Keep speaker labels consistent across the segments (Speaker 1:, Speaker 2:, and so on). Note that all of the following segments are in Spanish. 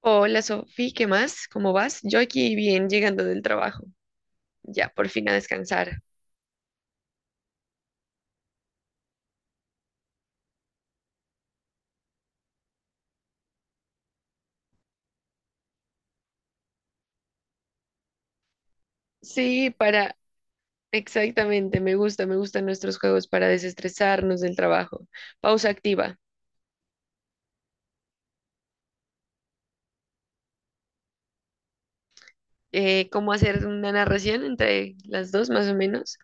Speaker 1: Hola Sofi, ¿qué más? ¿Cómo vas? Yo aquí bien llegando del trabajo, ya por fin a descansar. Sí, para, exactamente, me gusta, me gustan nuestros juegos para desestresarnos del trabajo. Pausa activa. ¿Cómo hacer una narración entre las dos más o menos?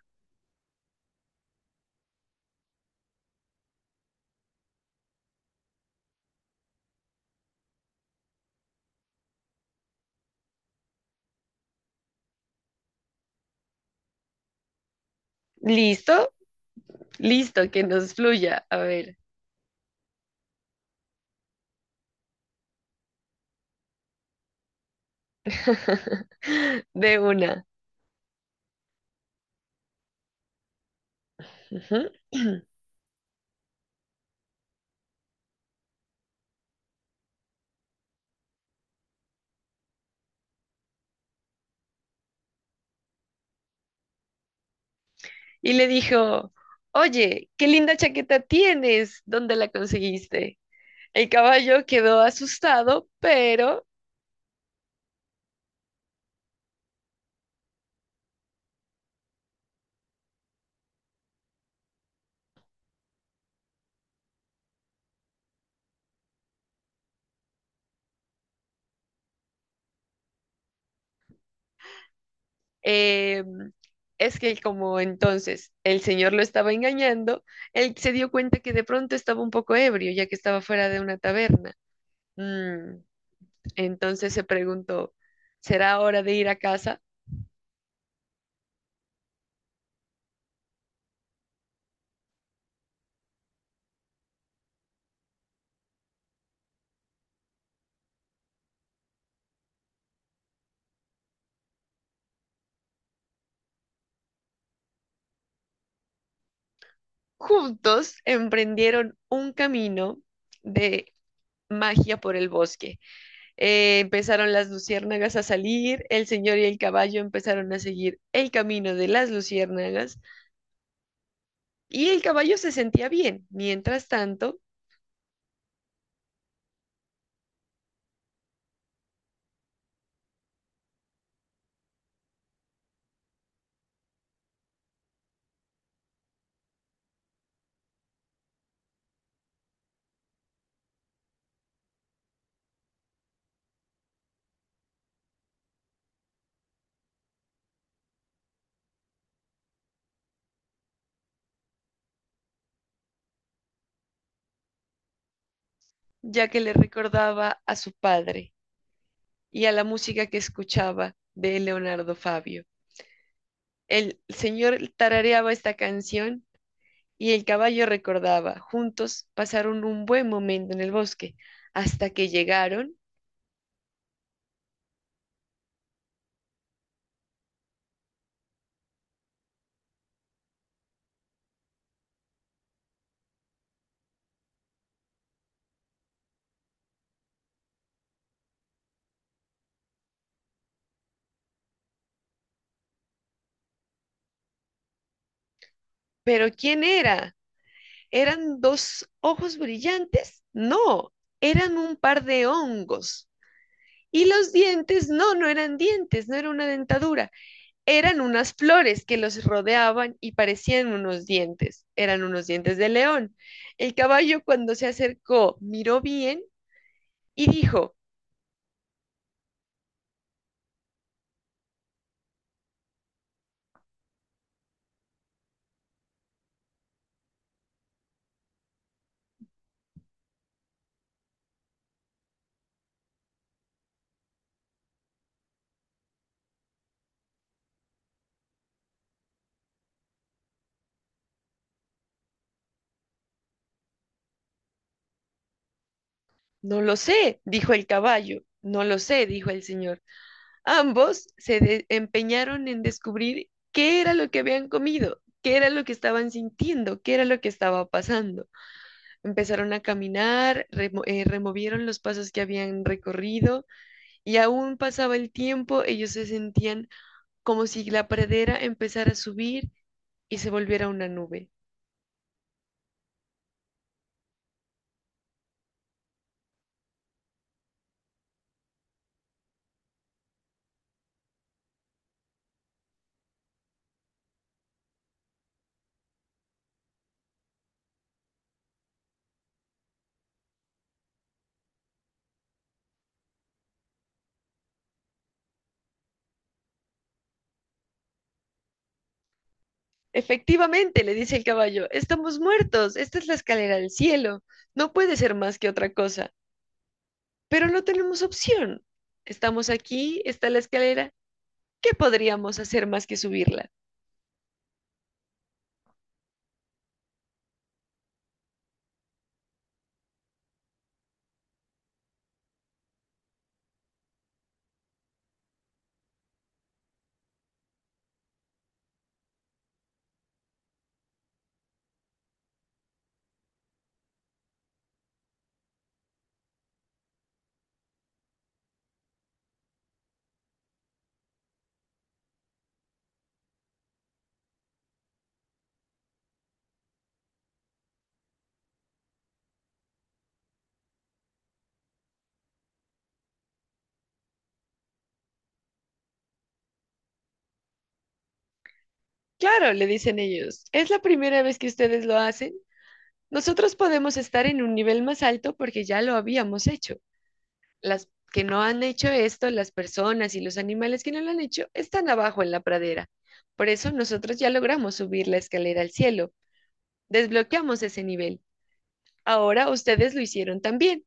Speaker 1: ¿Listo? Listo, que nos fluya. A ver, de una. Ujú. Y le dijo, oye, qué linda chaqueta tienes, ¿dónde la conseguiste? El caballo quedó asustado, pero eh, es que como entonces el señor lo estaba engañando, él se dio cuenta que de pronto estaba un poco ebrio, ya que estaba fuera de una taberna. Mm, entonces se preguntó, ¿será hora de ir a casa? Juntos emprendieron un camino de magia por el bosque. Empezaron las luciérnagas a salir, el señor y el caballo empezaron a seguir el camino de las luciérnagas. Y el caballo se sentía bien, mientras tanto, ya que le recordaba a su padre y a la música que escuchaba de Leonardo Fabio. El señor tarareaba esta canción y el caballo recordaba. Juntos pasaron un buen momento en el bosque hasta que llegaron. Pero ¿quién era? ¿Eran dos ojos brillantes? No, eran un par de hongos. Y los dientes, no, no eran dientes, no era una dentadura, eran unas flores que los rodeaban y parecían unos dientes. Eran unos dientes de león. El caballo cuando se acercó miró bien y dijo, no lo sé, dijo el caballo. No lo sé, dijo el señor. Ambos se empeñaron en descubrir qué era lo que habían comido, qué era lo que estaban sintiendo, qué era lo que estaba pasando. Empezaron a caminar, removieron los pasos que habían recorrido y aún pasaba el tiempo, ellos se sentían como si la pradera empezara a subir y se volviera una nube. Efectivamente, le dice el caballo, estamos muertos, esta es la escalera del cielo, no puede ser más que otra cosa, pero no tenemos opción. Estamos aquí, está la escalera, ¿qué podríamos hacer más que subirla? Claro, le dicen ellos, es la primera vez que ustedes lo hacen. Nosotros podemos estar en un nivel más alto porque ya lo habíamos hecho. Las que no han hecho esto, las personas y los animales que no lo han hecho, están abajo en la pradera. Por eso nosotros ya logramos subir la escalera al cielo, desbloqueamos ese nivel. Ahora ustedes lo hicieron también.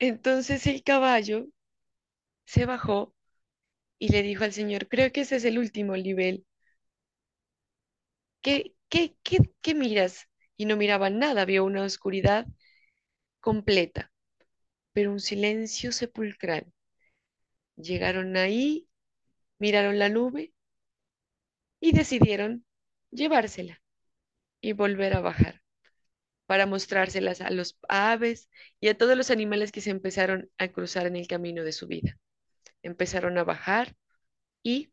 Speaker 1: Entonces el caballo se bajó y le dijo al señor, creo que ese es el último nivel. ¿Qué, qué, qué, qué miras? Y no miraba nada, vio una oscuridad completa, pero un silencio sepulcral. Llegaron ahí, miraron la nube y decidieron llevársela y volver a bajar para mostrárselas a los aves y a todos los animales que se empezaron a cruzar en el camino de su vida. Empezaron a bajar y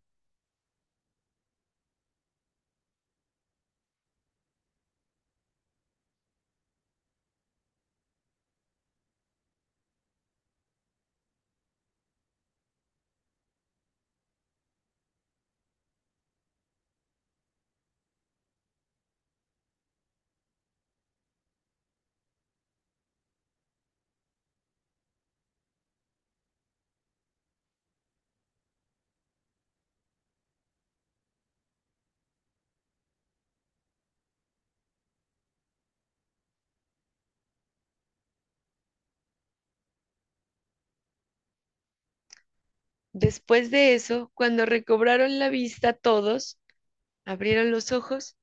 Speaker 1: después de eso, cuando recobraron la vista todos, abrieron los ojos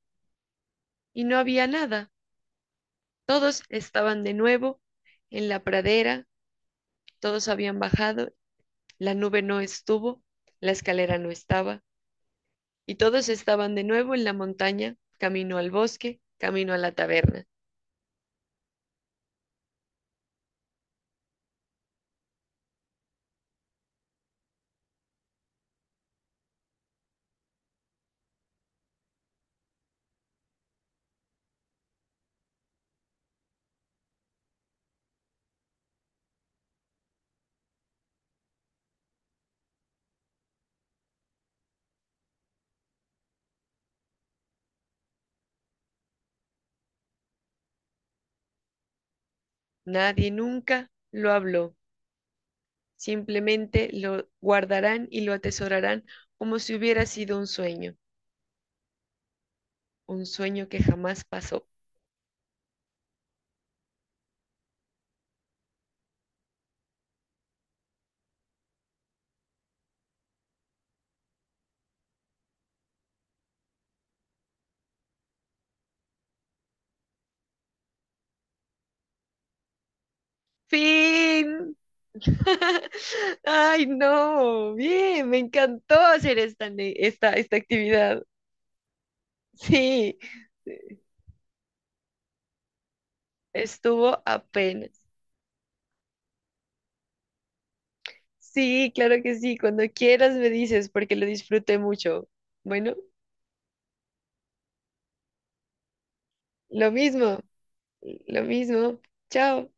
Speaker 1: y no había nada. Todos estaban de nuevo en la pradera, todos habían bajado, la nube no estuvo, la escalera no estaba y todos estaban de nuevo en la montaña, camino al bosque, camino a la taberna. Nadie nunca lo habló, simplemente lo guardarán y lo atesorarán como si hubiera sido un sueño que jamás pasó. ¡Fin! ¡Ay, no! Bien, me encantó hacer esta actividad. Sí, estuvo apenas. Sí, claro que sí, cuando quieras me dices porque lo disfruté mucho. Bueno, lo mismo, lo mismo. Chao.